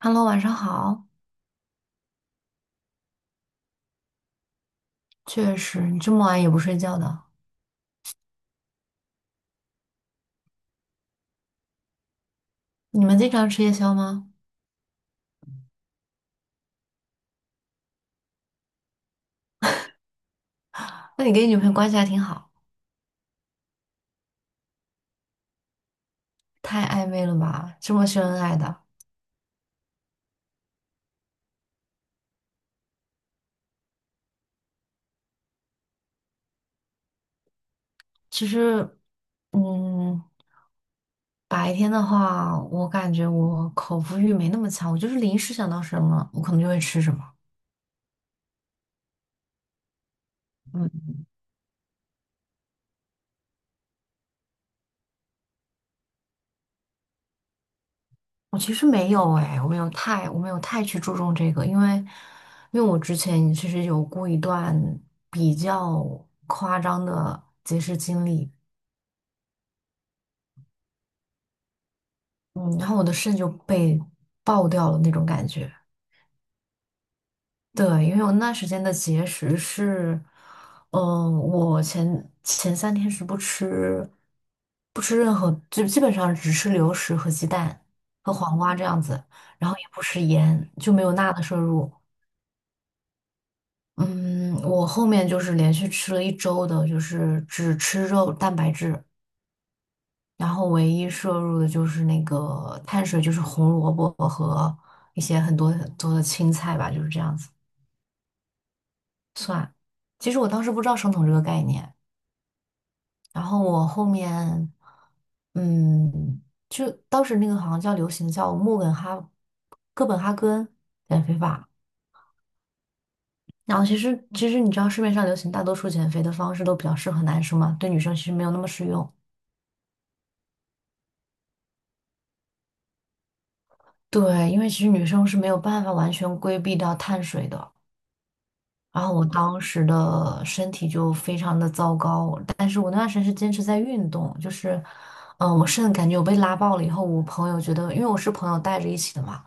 Hello，晚上好。确实，你这么晚也不睡觉的，你们经常吃夜宵吗？那你跟你女朋友关系还挺好，太暧昧了吧？这么秀恩爱的。其实，嗯，白天的话，我感觉我口腹欲没那么强，我就是临时想到什么，我可能就会吃什么。嗯，我其实没有哎，我没有太去注重这个，因为我之前其实有过一段比较夸张的节食经历。嗯，然后我的肾就被爆掉了那种感觉。对，因为我那段时间的节食是，嗯、我前三天是不吃，不吃任何，就基本上只吃流食和鸡蛋和黄瓜这样子，然后也不吃盐，就没有钠的摄入。嗯，我后面就是连续吃了1周的，就是只吃肉蛋白质，然后唯一摄入的就是那个碳水，就是红萝卜和一些很多很多的青菜吧，就是这样子算。其实我当时不知道生酮这个概念，然后我后面，嗯，就当时那个好像叫流行叫穆根哈哥本哈根减肥法。然后其实你知道市面上流行大多数减肥的方式都比较适合男生嘛，对女生其实没有那么适用。对，因为其实女生是没有办法完全规避掉碳水的。然后我当时的身体就非常的糟糕，但是我那段时间是坚持在运动，就是，我甚至感觉我被拉爆了以后，我朋友觉得，因为我是朋友带着一起的嘛，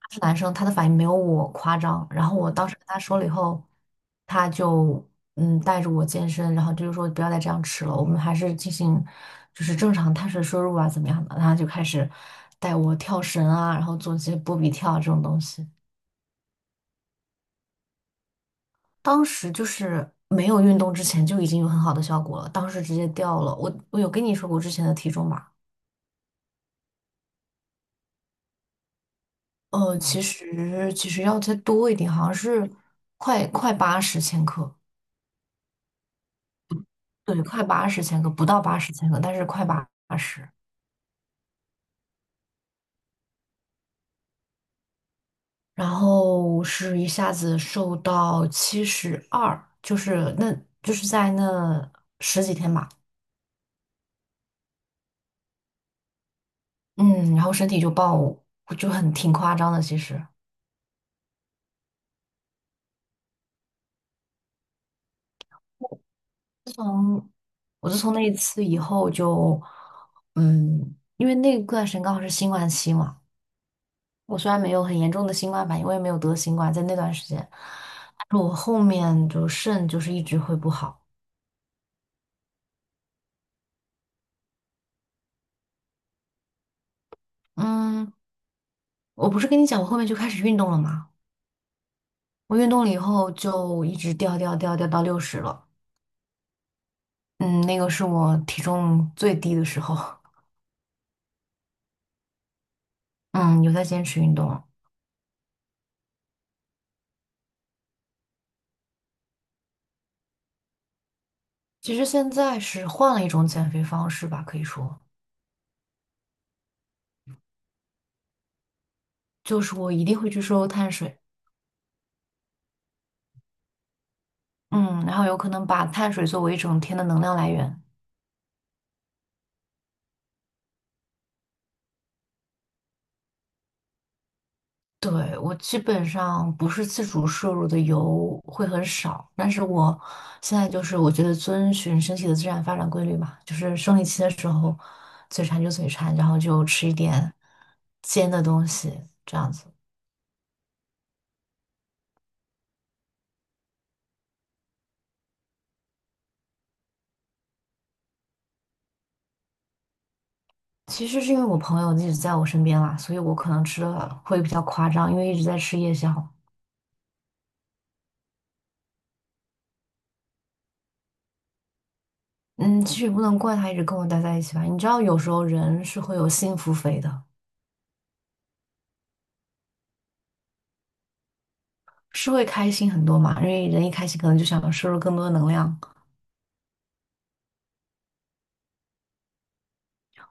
他是男生，他的反应没有我夸张，然后我当时跟他说了以后，他就带着我健身，然后就是说不要再这样吃了，我们还是进行就是正常碳水摄入啊怎么样的，然后他就开始带我跳绳啊，然后做一些波比跳啊这种东西。当时就是没有运动之前就已经有很好的效果了，当时直接掉了。我有跟你说过之前的体重吧？其实要再多一点，好像是快八十千克，对，快八十千克，不到八十千克，但是快八十。然后是一下子瘦到72，就是那就是在那十几天吧，嗯，然后身体就爆，就很挺夸张的，其实。我自从那一次以后就，嗯，因为那段时间刚好是新冠期嘛，我虽然没有很严重的新冠反应，我也没有得新冠，在那段时间，但是我后面就肾就是一直会不好。嗯，我不是跟你讲我后面就开始运动了吗？我运动了以后就一直掉掉掉掉到60了。嗯，那个是我体重最低的时候。嗯，有在坚持运动了。其实现在是换了一种减肥方式吧，可以说就是我一定会去摄入碳水。嗯，然后有可能把碳水作为一整天的能量来源。对，我基本上不是自主摄入的油会很少，但是我现在就是我觉得遵循身体的自然发展规律吧，就是生理期的时候嘴馋就嘴馋，然后就吃一点煎的东西这样子。其实是因为我朋友一直在我身边啦，所以我可能吃的会比较夸张，因为一直在吃夜宵。嗯，其实也不能怪他一直跟我待在一起吧，你知道有时候人是会有幸福肥的。是会开心很多嘛，因为人一开心，可能就想摄入更多的能量，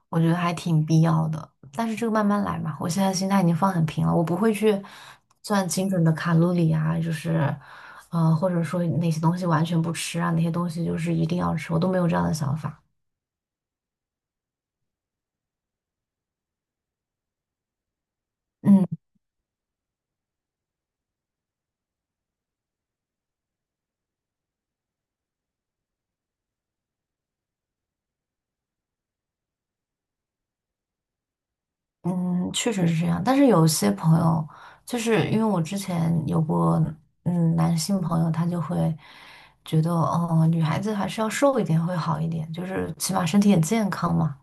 我觉得还挺必要的。但是这个慢慢来嘛，我现在心态已经放很平了，我不会去算精准的卡路里啊，就是，或者说哪些东西完全不吃啊，哪些东西就是一定要吃，我都没有这样的想法。嗯嗯，确实是这样。但是有些朋友，就是因为我之前有过，嗯，男性朋友，他就会觉得，哦、女孩子还是要瘦一点会好一点，就是起码身体也健康嘛。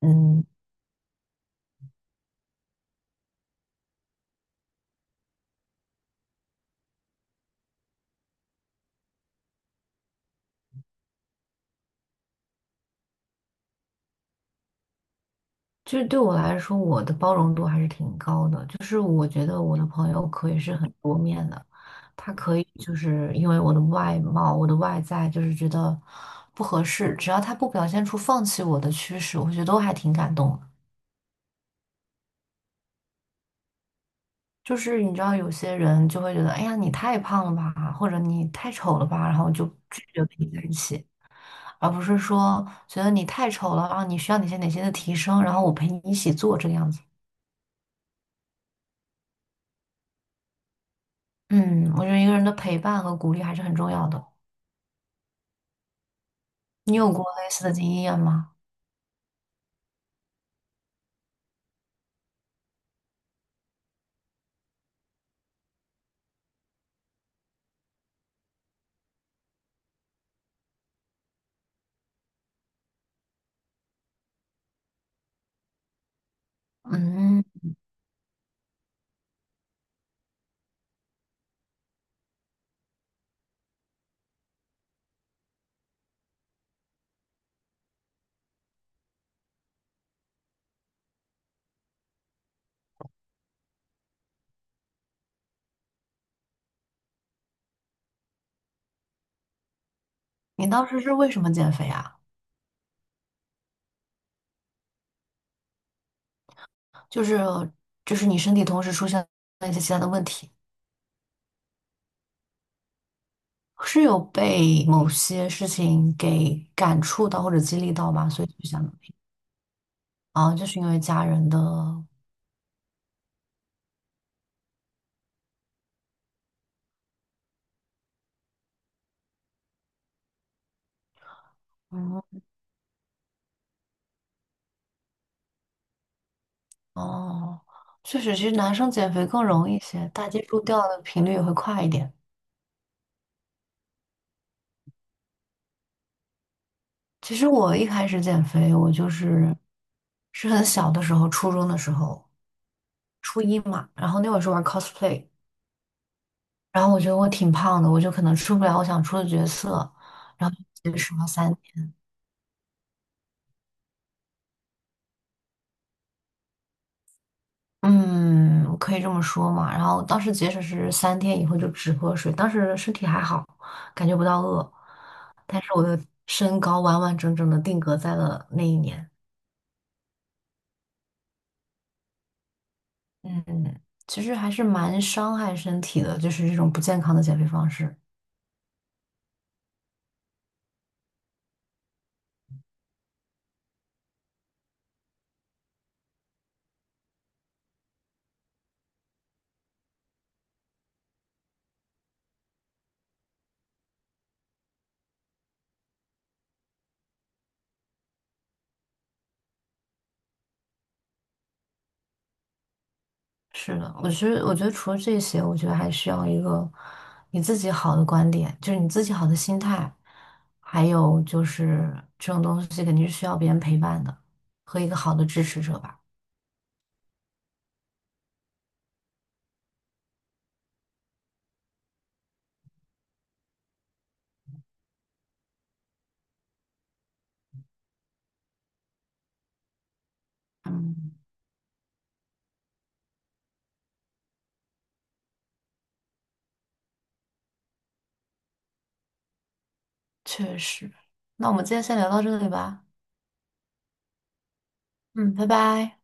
嗯，其实对我来说，我的包容度还是挺高的。就是我觉得我的朋友可以是很多面的，他可以就是因为我的外貌、我的外在，就是觉得不合适，只要他不表现出放弃我的趋势，我觉得都还挺感动的。就是你知道，有些人就会觉得，哎呀，你太胖了吧，或者你太丑了吧，然后就拒绝跟你在一起，而不是说觉得你太丑了然后你需要哪些哪些的提升，然后我陪你一起做这个样子。嗯，我觉得一个人的陪伴和鼓励还是很重要的。你有过类似的经验吗？嗯，你当时是为什么减肥啊？就是你身体同时出现了一些其他的问题，是有被某些事情给感触到或者激励到吗？所以就想啊，就是因为家人的，嗯，哦，确实，其实男生减肥更容易一些，大基数掉的频率也会快一点。其实我一开始减肥，我就是是很小的时候，初中的时候。初一嘛，然后那会儿是玩 cosplay,然后我觉得我挺胖的，我就可能出不了我想出的角色，然后就节食了三天，嗯，可以这么说嘛。然后当时节食是三天以后就只喝水，当时身体还好，感觉不到饿，但是我的身高完完整整的定格在了那一年，嗯，其实还是蛮伤害身体的，就是这种不健康的减肥方式。是的，我觉得，我觉得除了这些，我觉得还需要一个你自己好的观点，就是你自己好的心态，还有就是这种东西肯定是需要别人陪伴的，和一个好的支持者吧。嗯，确实。那我们今天先聊到这里吧。嗯，拜拜。